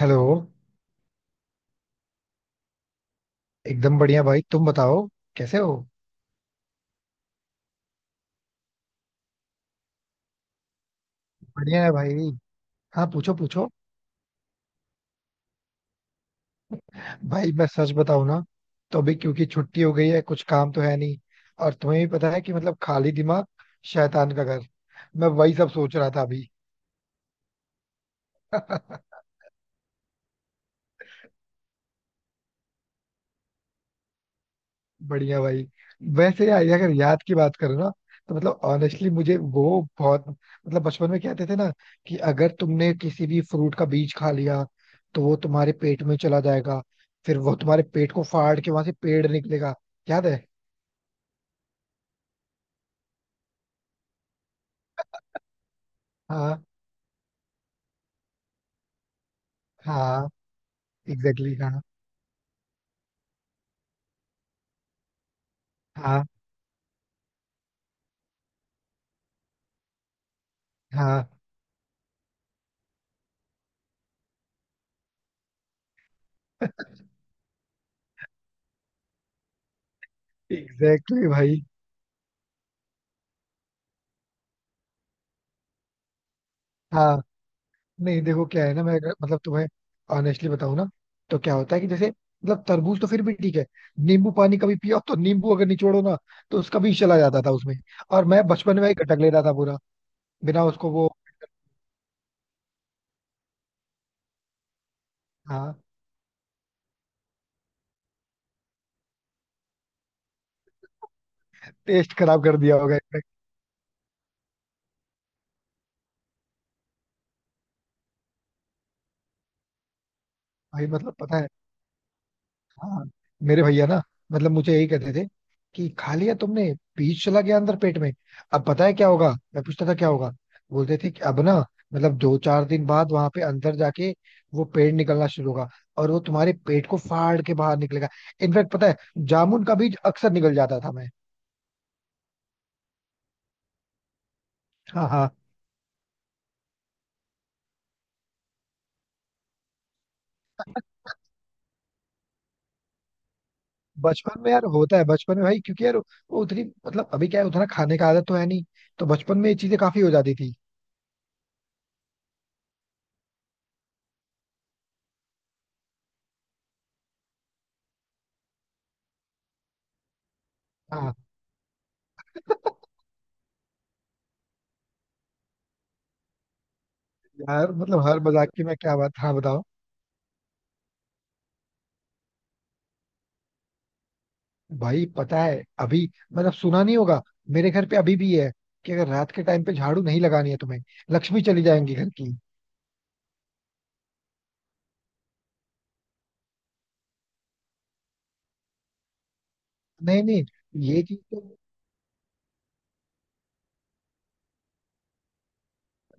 Hello. एकदम बढ़िया भाई, तुम बताओ कैसे हो। बढ़िया है भाई। हाँ, पूछो पूछो। भाई मैं सच बताऊं ना, तो अभी क्योंकि छुट्टी हो गई है कुछ काम तो है नहीं। और तुम्हें भी पता है कि मतलब खाली दिमाग शैतान का घर। मैं वही सब सोच रहा था अभी। बढ़िया भाई। वैसे यार, अगर याद की बात करो ना, तो मतलब ऑनेस्टली मुझे वो बहुत मतलब बचपन में कहते थे ना कि अगर तुमने किसी भी फ्रूट का बीज खा लिया, तो वो तुम्हारे पेट में चला जाएगा, फिर वो तुम्हारे पेट को फाड़ के वहां से पेड़ निकलेगा। याद है? हाँ हाँ, एग्जैक्टली exactly, हाँ। हाँ हाँ, एग्जैक्टली exactly भाई। हाँ। नहीं देखो, क्या है ना, मैं मतलब तुम्हें ऑनेस्टली बताऊं ना, तो क्या होता है कि जैसे मतलब तरबूज तो फिर भी ठीक है। नींबू पानी कभी पिया हो तो नींबू अगर निचोड़ो ना, तो उसका भी चला जाता था उसमें। और मैं बचपन में ही गटक लेता था पूरा, बिना उसको वो। हाँ। टेस्ट खराब कर दिया होगा इसने। भाई मतलब पता है। हाँ। मेरे भैया ना, मतलब मुझे यही कहते थे कि खा लिया तुमने, बीज चला गया अंदर पेट में। अब पता है क्या होगा, मैं पूछता था क्या होगा। बोलते थे कि अब ना मतलब 2 4 दिन बाद वहां पे अंदर जाके वो पेड़ निकलना शुरू होगा, और वो तुम्हारे पेट को फाड़ के बाहर निकलेगा। इनफैक्ट पता है, जामुन का बीज अक्सर निकल जाता था मैं। हाँ हाँ। बचपन में यार होता है बचपन में भाई, क्योंकि यार वो उतनी मतलब अभी क्या है उतना खाने का आदत तो है नहीं, तो बचपन में ये चीजें काफी हो जाती थी। हाँ, यार मतलब हर मजाक की मैं क्या बात। हाँ बताओ। भाई पता है अभी, मतलब सुना नहीं होगा। मेरे घर पे अभी भी है कि अगर रात के टाइम पे झाड़ू नहीं लगानी है तुम्हें, लक्ष्मी चली जाएंगी घर की। नहीं नहीं। ये चीज तो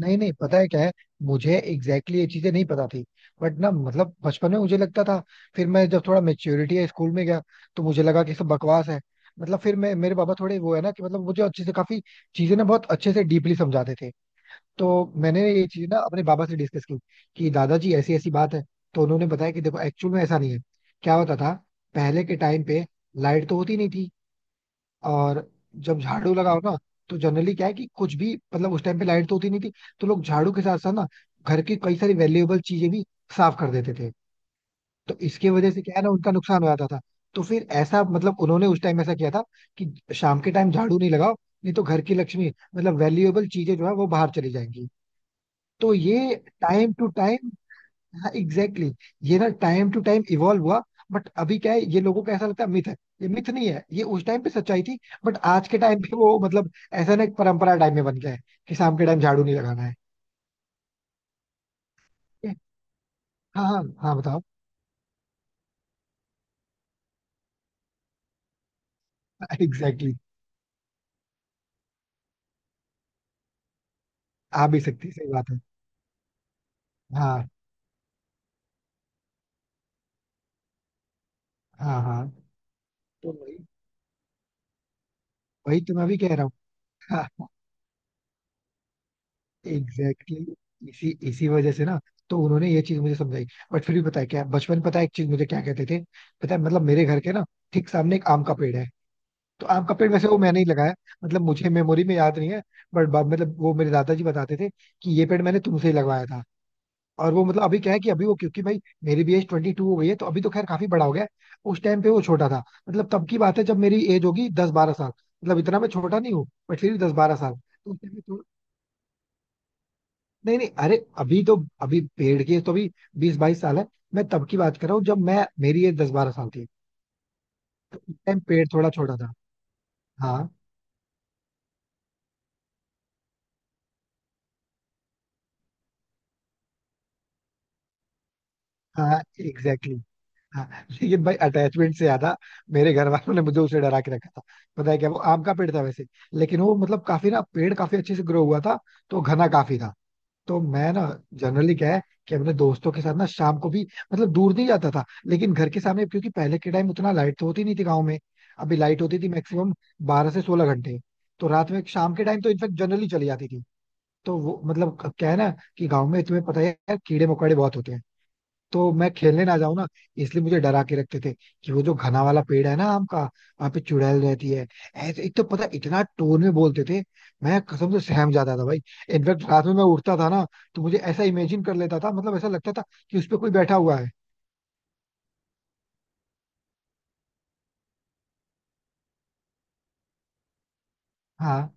नहीं नहीं, पता है क्या है। मुझे एग्जैक्टली exactly ये चीजें नहीं पता थी, बट ना मतलब बचपन में मुझे लगता था। फिर मैं जब थोड़ा मेच्योरिटी है स्कूल में गया, तो मुझे लगा कि सब बकवास है। मतलब फिर मैं मेरे पापा थोड़े वो है ना कि मतलब मुझे अच्छे से काफी चीजें ना बहुत अच्छे से डीपली समझाते थे। तो मैंने ये चीज ना अपने बाबा से डिस्कस की कि दादाजी ऐसी ऐसी बात है। तो उन्होंने बताया कि देखो एक्चुअल में ऐसा नहीं है। क्या होता था, पहले के टाइम पे लाइट तो होती नहीं थी। और जब झाड़ू लगाओ ना, तो जनरली क्या है कि कुछ भी मतलब उस टाइम पे लाइट तो होती नहीं थी, तो लोग झाड़ू के साथ साथ ना घर की कई सारी वैल्यूएबल चीजें भी साफ कर देते थे। तो इसके वजह से क्या है ना, उनका नुकसान हो जाता था। तो फिर ऐसा मतलब उन्होंने उस टाइम ऐसा किया था कि शाम के टाइम झाड़ू नहीं लगाओ, नहीं तो घर की लक्ष्मी मतलब वैल्यूएबल चीजें जो है वो बाहर चली जाएंगी। तो ये टाइम टू टाइम हाँ एग्जैक्टली exactly, ये ना टाइम टू टाइम इवॉल्व हुआ। बट अभी क्या है, ये लोगों को ऐसा लगता है मिथ है। ये मिथ नहीं है, ये उस टाइम पे सच्चाई थी। बट आज के टाइम पे वो मतलब ऐसा ना एक परंपरा टाइम में बन गया है कि शाम के टाइम झाड़ू नहीं लगाना है। ये- हाँ हाँ हाँ बताओ। एग्जैक्टली exactly, आ भी सकती है, सही बात है। हाँ हाँ हाँ। तो वही वही तो मैं भी कह रहा हूँ। हाँ। एग्जैक्टली exactly, इसी इसी वजह से ना तो उन्होंने ये चीज मुझे समझाई। बट फिर भी पता है क्या, बचपन में पता है एक चीज मुझे क्या कहते थे। पता है मतलब मेरे घर के ना ठीक सामने एक आम का पेड़ है। तो आम का पेड़ वैसे वो मैंने ही लगाया, मतलब मुझे मेमोरी में याद नहीं है, बट मतलब वो मेरे दादाजी बताते थे कि ये पेड़ मैंने तुमसे ही लगवाया था। और वो मतलब अभी क्या है कि अभी वो क्योंकि भाई मेरी भी एज 22 हो गई है, तो अभी तो खैर काफी बड़ा हो गया है। उस टाइम पे वो छोटा था। मतलब तब की बात है जब मेरी एज होगी 10 12 साल, मतलब इतना मैं छोटा नहीं हूँ बट फिर भी 10 12 साल। नहीं नहीं। अरे अभी तो अभी पेड़ के तो अभी 20 22 साल है। मैं तब की बात कर रहा हूँ जब मैं मेरी एज 10 12 साल थी। तो उस टाइम पेड़ थोड़ा छोटा था। हाँ हाँ एग्जैक्टली exactly। हाँ। लेकिन भाई अटैचमेंट से ज्यादा मेरे घर वालों ने मुझे उसे डरा के रखा था। पता है क्या, वो आम का पेड़ था वैसे, लेकिन वो मतलब काफी ना पेड़ काफी अच्छे से ग्रो हुआ था, तो घना काफी था। तो मैं ना जनरली क्या है कि अपने दोस्तों के साथ ना शाम को भी मतलब दूर नहीं जाता था, लेकिन घर के सामने, क्योंकि पहले के टाइम उतना लाइट तो होती नहीं थी गाँव में। अभी लाइट होती थी मैक्सिमम 12 से 16 घंटे, तो रात में शाम के टाइम तो इनफेक्ट जनरली चली जाती थी। तो वो मतलब क्या है ना कि गाँव में तुम्हें पता ही है यार, कीड़े मकोड़े बहुत होते हैं। तो मैं खेलने ना जाऊं ना, इसलिए मुझे डरा के रखते थे कि वो जो घना वाला पेड़ है ना आम का, वहाँ पे चुड़ैल रहती है। ऐसे एक तो पता है, इतना टोन में बोलते थे, मैं कसम से सहम जाता था भाई। इनफैक्ट रात में मैं उठता था ना, तो मुझे ऐसा इमेजिन कर लेता था, मतलब ऐसा लगता था कि उस पे कोई बैठा हुआ है। हाँ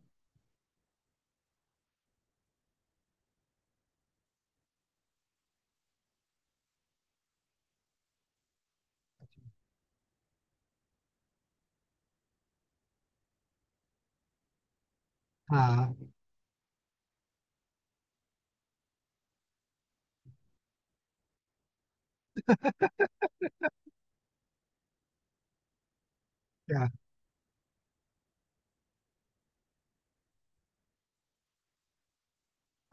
हाँ। क्या?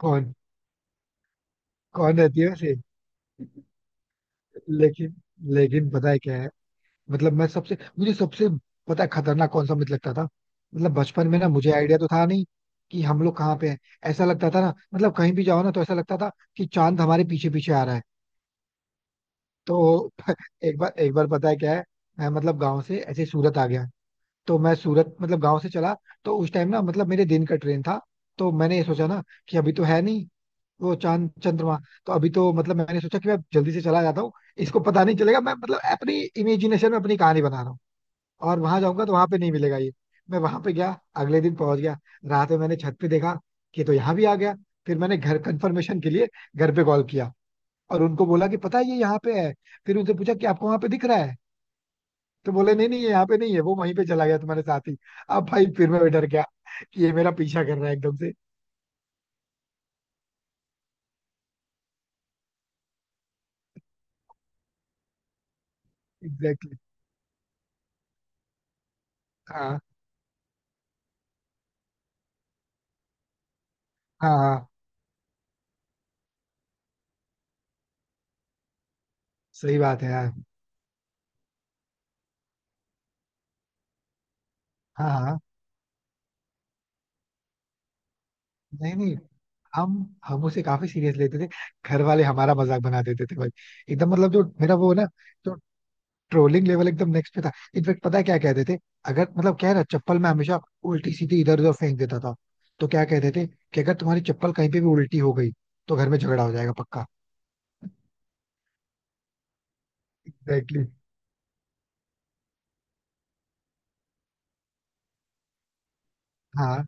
कौन कौन रहती है वैसे? लेकिन। लेकिन पता है क्या है, मतलब मैं सबसे मुझे सबसे पता है खतरनाक कौन सा मिथ लगता था। मतलब बचपन में ना मुझे आइडिया तो था नहीं कि हम लोग कहाँ पे हैं। ऐसा लगता था ना मतलब कहीं भी जाओ ना, तो ऐसा लगता था कि चांद हमारे पीछे पीछे आ रहा है। तो एक बार पता है क्या है, मैं मतलब गांव से ऐसे ही सूरत आ गया। तो मैं सूरत मतलब गांव से चला, तो उस टाइम ना मतलब मेरे दिन का ट्रेन था। तो मैंने ये सोचा ना कि अभी तो है नहीं वो चांद चंद्रमा, तो अभी तो मतलब मैंने सोचा कि मैं जल्दी से चला जाता हूँ, इसको पता नहीं चलेगा। मैं मतलब अपनी इमेजिनेशन में अपनी कहानी बना रहा हूँ। और वहां जाऊंगा तो वहां पे नहीं मिलेगा ये। मैं वहां पे गया, अगले दिन पहुंच गया, रात में मैंने छत पे देखा कि तो यहाँ भी आ गया। फिर मैंने घर कंफर्मेशन के लिए घर पे कॉल किया, और उनको बोला कि पता है ये यहाँ पे है। फिर उनसे पूछा कि आपको वहां पे दिख रहा है? तो बोले नहीं नहीं, ये यहाँ पे नहीं है, वो वहीं पे चला गया तुम्हारे साथ ही। अब भाई फिर मैं डर गया कि ये मेरा पीछा कर रहा है एकदम से। Exactly exactly। हाँ हाँ हाँ। सही बात है यार। हाँ। हाँ नहीं नहीं। हम हम उसे काफी सीरियस लेते थे। घर वाले हमारा मजाक बना देते थे भाई एकदम, मतलब जो मेरा वो ना ट्रोलिंग लेवल एकदम नेक्स्ट पे था। इनफेक्ट पता है क्या कहते थे, अगर मतलब क्या है ना, चप्पल में हमेशा उल्टी सीधी इधर उधर फेंक देता था, तो क्या कहते थे कि अगर तुम्हारी चप्पल कहीं पे भी उल्टी हो गई, तो घर में झगड़ा हो जाएगा पक्का। एग्जैक्टली। हाँ।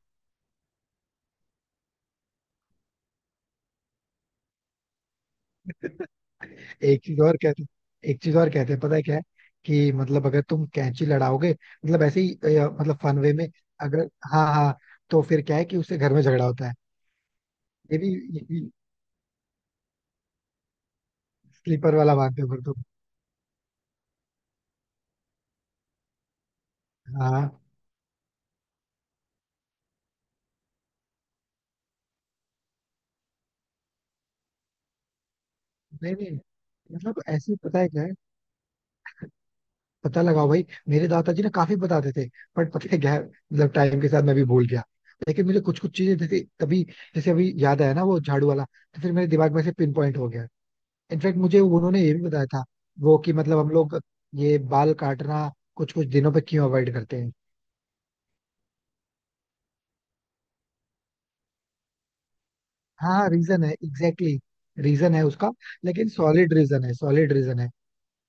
एक चीज और कहते एक चीज और कहते हैं, पता है क्या है, कि मतलब अगर तुम कैंची लड़ाओगे, मतलब ऐसे ही मतलब फन वे में, अगर हाँ हाँ, तो फिर क्या है कि उससे घर में झगड़ा होता है। ये भी, ये भी स्लीपर वाला मानते हो फिर तुम? हाँ। नहीं नहीं, मतलब ऐसे ही पता है क्या है। पता लगाओ भाई, मेरे दादाजी ना काफी बताते थे। बट पता है क्या है, मतलब टाइम के साथ मैं भी भूल गया। लेकिन मुझे कुछ कुछ चीजें जैसे तभी, जैसे अभी याद आया ना वो झाड़ू वाला, तो फिर मेरे दिमाग में से पिन पॉइंट हो गया। इनफैक्ट मुझे उन्होंने ये भी बताया था वो कि मतलब हम लोग ये बाल काटना कुछ कुछ दिनों पे क्यों अवॉइड करते हैं। हाँ रीजन है, एग्जैक्टली exactly, रीजन है उसका। लेकिन सॉलिड रीजन है, सॉलिड रीजन है,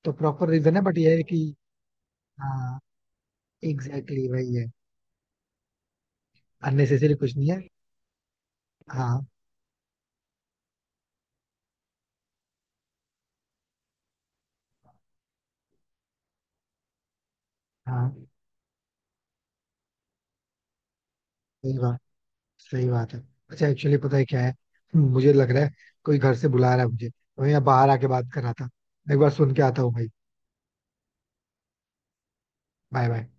तो प्रॉपर रीजन है बट ये है कि हाँ एग्जैक्टली exactly वही है। अननेसेसरी कुछ नहीं है। हाँ हाँ। सही बात, सही बात है। अच्छा, एक्चुअली पता है क्या है, मुझे लग रहा है कोई घर से बुला रहा है मुझे, तो मैं यहाँ बाहर आके बात कर रहा था। एक बार सुन के आता हूँ भाई। Bye bye.